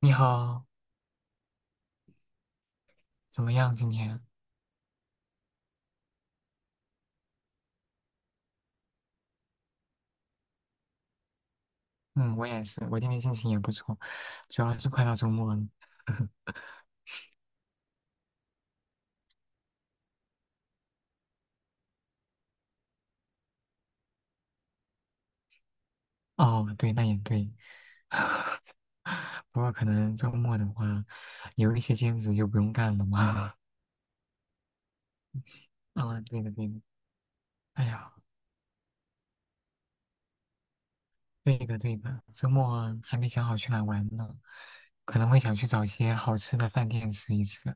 你好，怎么样今天？嗯，我也是，我今天心情也不错，主要是快到周末了。哦，对，那也对。不过可能周末的话，有一些兼职就不用干了嘛。啊，对的对的。哎呀，对的对的，周末还没想好去哪玩呢，可能会想去找一些好吃的饭店吃一吃。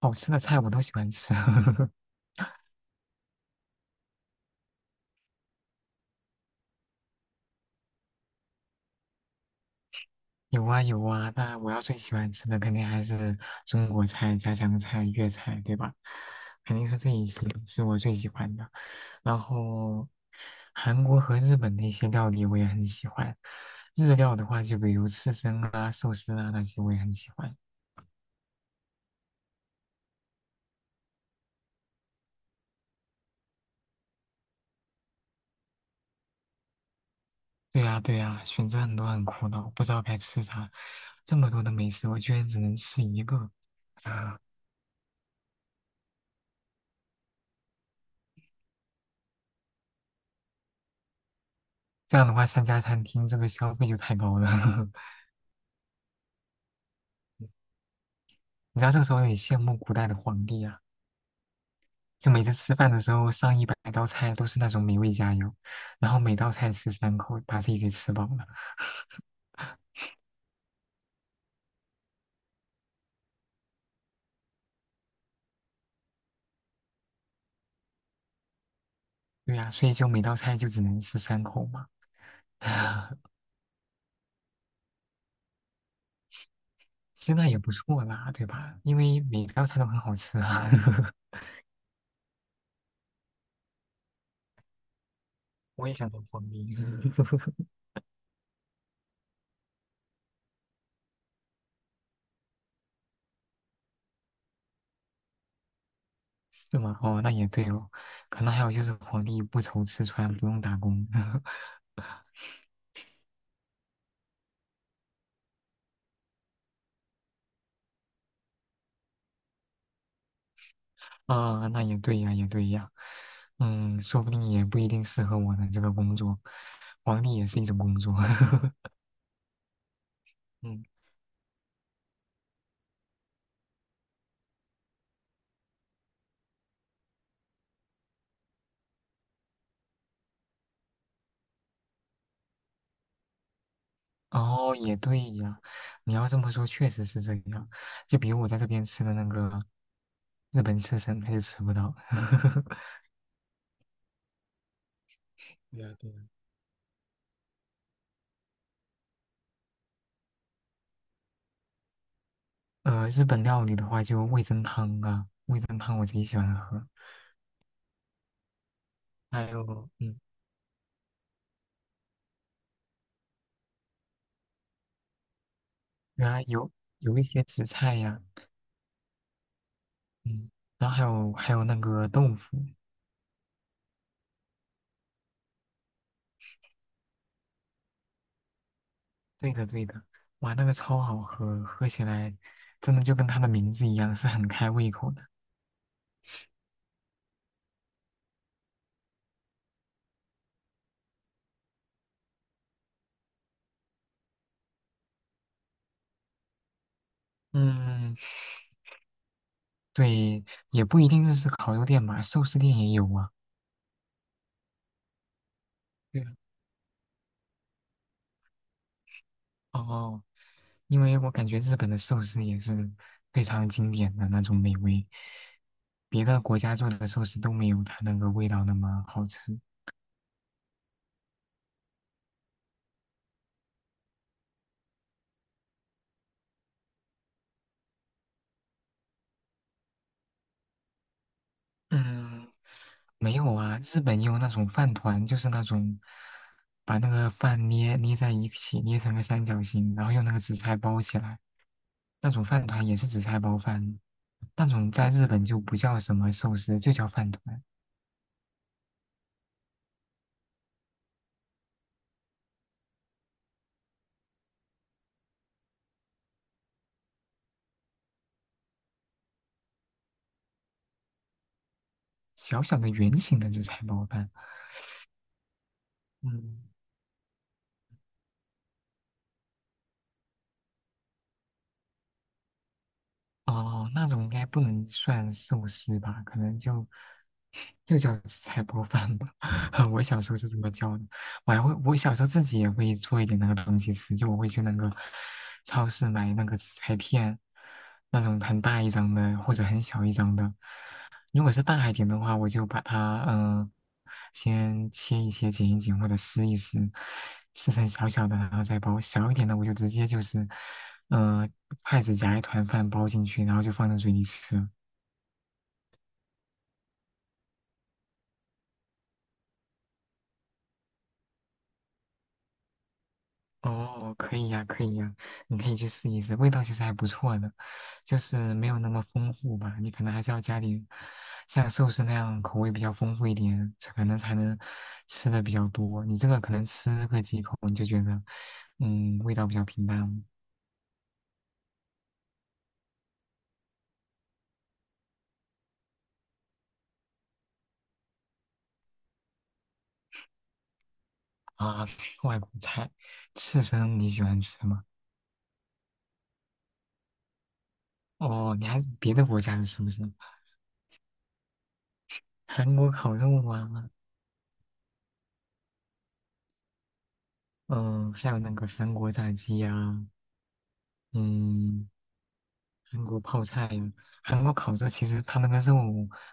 好吃的菜我都喜欢吃。有啊有啊，那我要最喜欢吃的肯定还是中国菜、家乡菜、粤菜，对吧？肯定是这一些是我最喜欢的。然后韩国和日本的一些料理我也很喜欢，日料的话就比如刺身啊、寿司啊那些我也很喜欢。对呀对呀，选择很多很苦恼，不知道该吃啥。这么多的美食，我居然只能吃一个。啊，这样的话，三家餐厅这个消费就太高了。你知道这个时候有羡慕古代的皇帝啊。就每次吃饭的时候，上一百道菜都是那种美味佳肴，然后每道菜吃三口，把自己给吃饱了。对呀，所以就每道菜就只能吃三口嘛。其实那也不错啦，对吧？因为每道菜都很好吃啊。我也想当皇帝。是吗？哦，那也对哦。可能还有就是皇帝不愁吃穿，不用打工。啊，那也对呀，也对呀。嗯，说不定也不一定适合我的这个工作，皇帝也是一种工作。嗯。哦，也对呀，你要这么说，确实是这样。就比如我在这边吃的那个日本刺身，他就吃不到。对呀，对呀，日本料理的话，就味增汤啊，味增汤我贼喜欢喝。还有，嗯，原来有一些紫菜呀，嗯，然后还有那个豆腐，对的对的，哇，那个超好喝，喝起来真的就跟它的名字一样，是很开胃口的。嗯，对，也不一定是烤肉店吧，寿司店也有啊。对啊。哦，因为我感觉日本的寿司也是非常经典的那种美味，别的国家做的寿司都没有它那个味道那么好吃。嗯，没有啊，日本也有那种饭团，就是那种把那个饭捏在一起，捏成个三角形，然后用那个紫菜包起来，那种饭团也是紫菜包饭，那种在日本就不叫什么寿司，就叫饭团，小小的圆形的紫菜包饭。嗯。哦，那种应该不能算寿司吧？可能就，就叫菜包饭吧。我小时候是这么叫的。我还会，我小时候自己也会做一点那个东西吃，就我会去那个超市买那个紫菜片，那种很大一张的或者很小一张的。如果是大一点的话，我就把它先切一切、剪一剪或者撕一撕，撕成小小的，然后再包。小一点的我就直接就是，嗯，筷子夹一团饭包进去，然后就放在嘴里吃。哦，可以呀，可以呀，你可以去试一试，味道其实还不错的，就是没有那么丰富吧，你可能还是要加点像寿司那样口味比较丰富一点，才可能才能吃的比较多。你这个可能吃个几口你就觉得，嗯，味道比较平淡了。啊，外国菜，刺身你喜欢吃吗？哦，你还是别的国家的是不是？韩国烤肉啊，嗯，还有那个韩国炸鸡呀、嗯、韩国泡菜呀，韩国烤肉其实它那个肉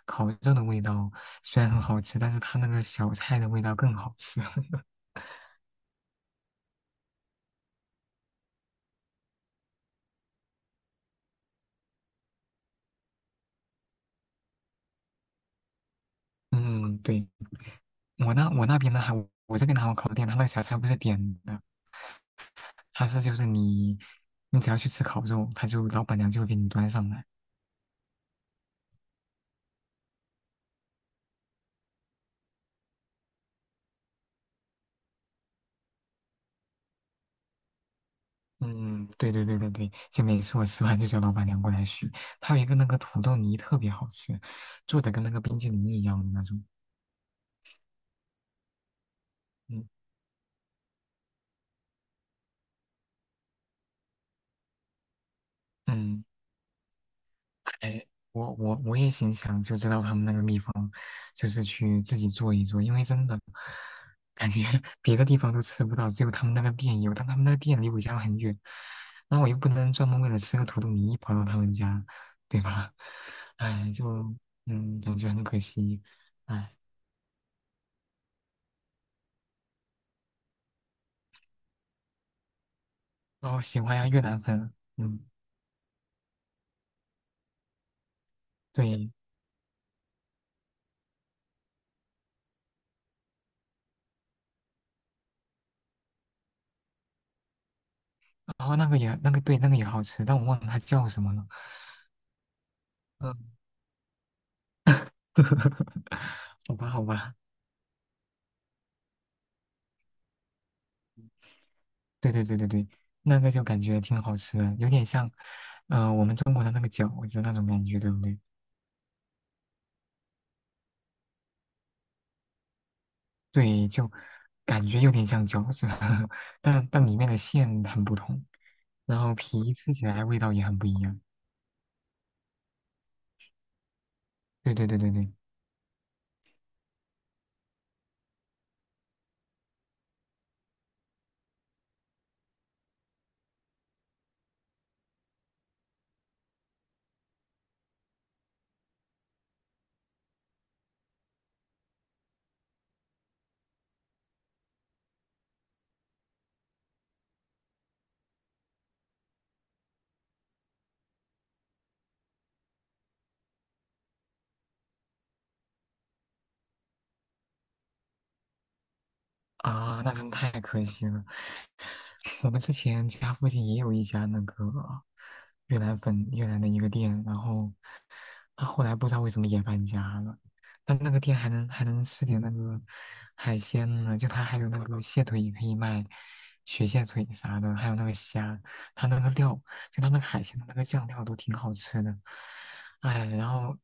烤肉的味道虽然很好吃，但是它那个小菜的味道更好吃。嗯，对，我那我那边的还我这边的韩国烤肉店，它那个小菜不是点的，它是就是你只要去吃烤肉，它就老板娘就会给你端上来。嗯，对对对对对，就每次我吃完就叫老板娘过来续。它有一个那个土豆泥特别好吃，做的跟那个冰淇淋一样的那种。嗯嗯。哎，我也挺想就知道他们那个秘方，就是去自己做一做，因为真的感觉 别的地方都吃不到，只有他们那个店有，但他们那个店离我家很远，那我又不能专门为了吃个土豆泥跑到他们家，对吧？哎，就嗯，感觉很可惜，哎，然后喜欢呀越南粉，嗯，对，然后那个也那个对那个也好吃，但我忘了它叫什么了，嗯，好吧好吧。对对对对对，那个就感觉挺好吃的，有点像，我们中国的那个饺子那种感觉，对不对？对，就感觉有点像饺子，但里面的馅很不同，然后皮吃起来味道也很不一样。对对对对对，啊，那真太可惜了。我们之前家附近也有一家那个越南粉越南的一个店，然后他后来不知道为什么也搬家了，但那个店还能吃点那个海鲜呢，就他还有那个蟹腿也可以卖，雪蟹腿啥的，还有那个虾，他那个料就他那个海鲜的那个酱料都挺好吃的，哎，然后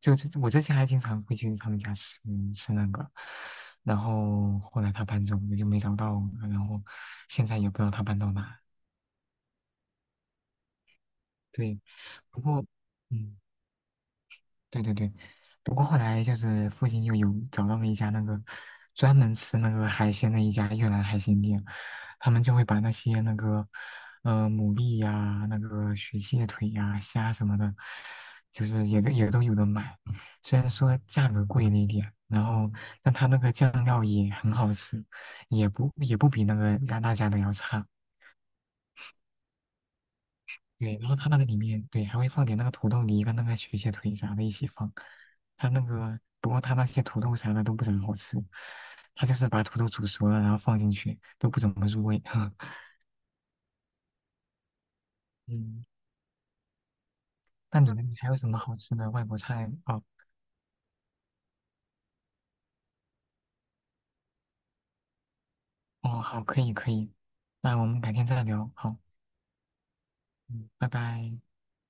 就这我之前还经常会去他们家吃那个，然后后来他搬走我就没找到了，然后现在也不知道他搬到哪。对，不过嗯。对对对，不过后来就是附近又有找到了一家那个专门吃那个海鲜的一家越南海鲜店，他们就会把那些那个牡蛎呀、那个雪蟹腿呀、虾什么的，就是也都有的买，虽然说价格贵了一点，然后但它那个酱料也很好吃，也不比那个鸭大家的要差。对，然后它那个里面，对，还会放点那个土豆泥跟那个雪血腿啥的一起放。它那个，不过它那些土豆啥的都不怎么好吃，它就是把土豆煮熟了，然后放进去，都不怎么入味。嗯，那你们还有什么好吃的外国菜？哦哦，好，可以可以，那我们改天再聊。好，嗯，拜拜。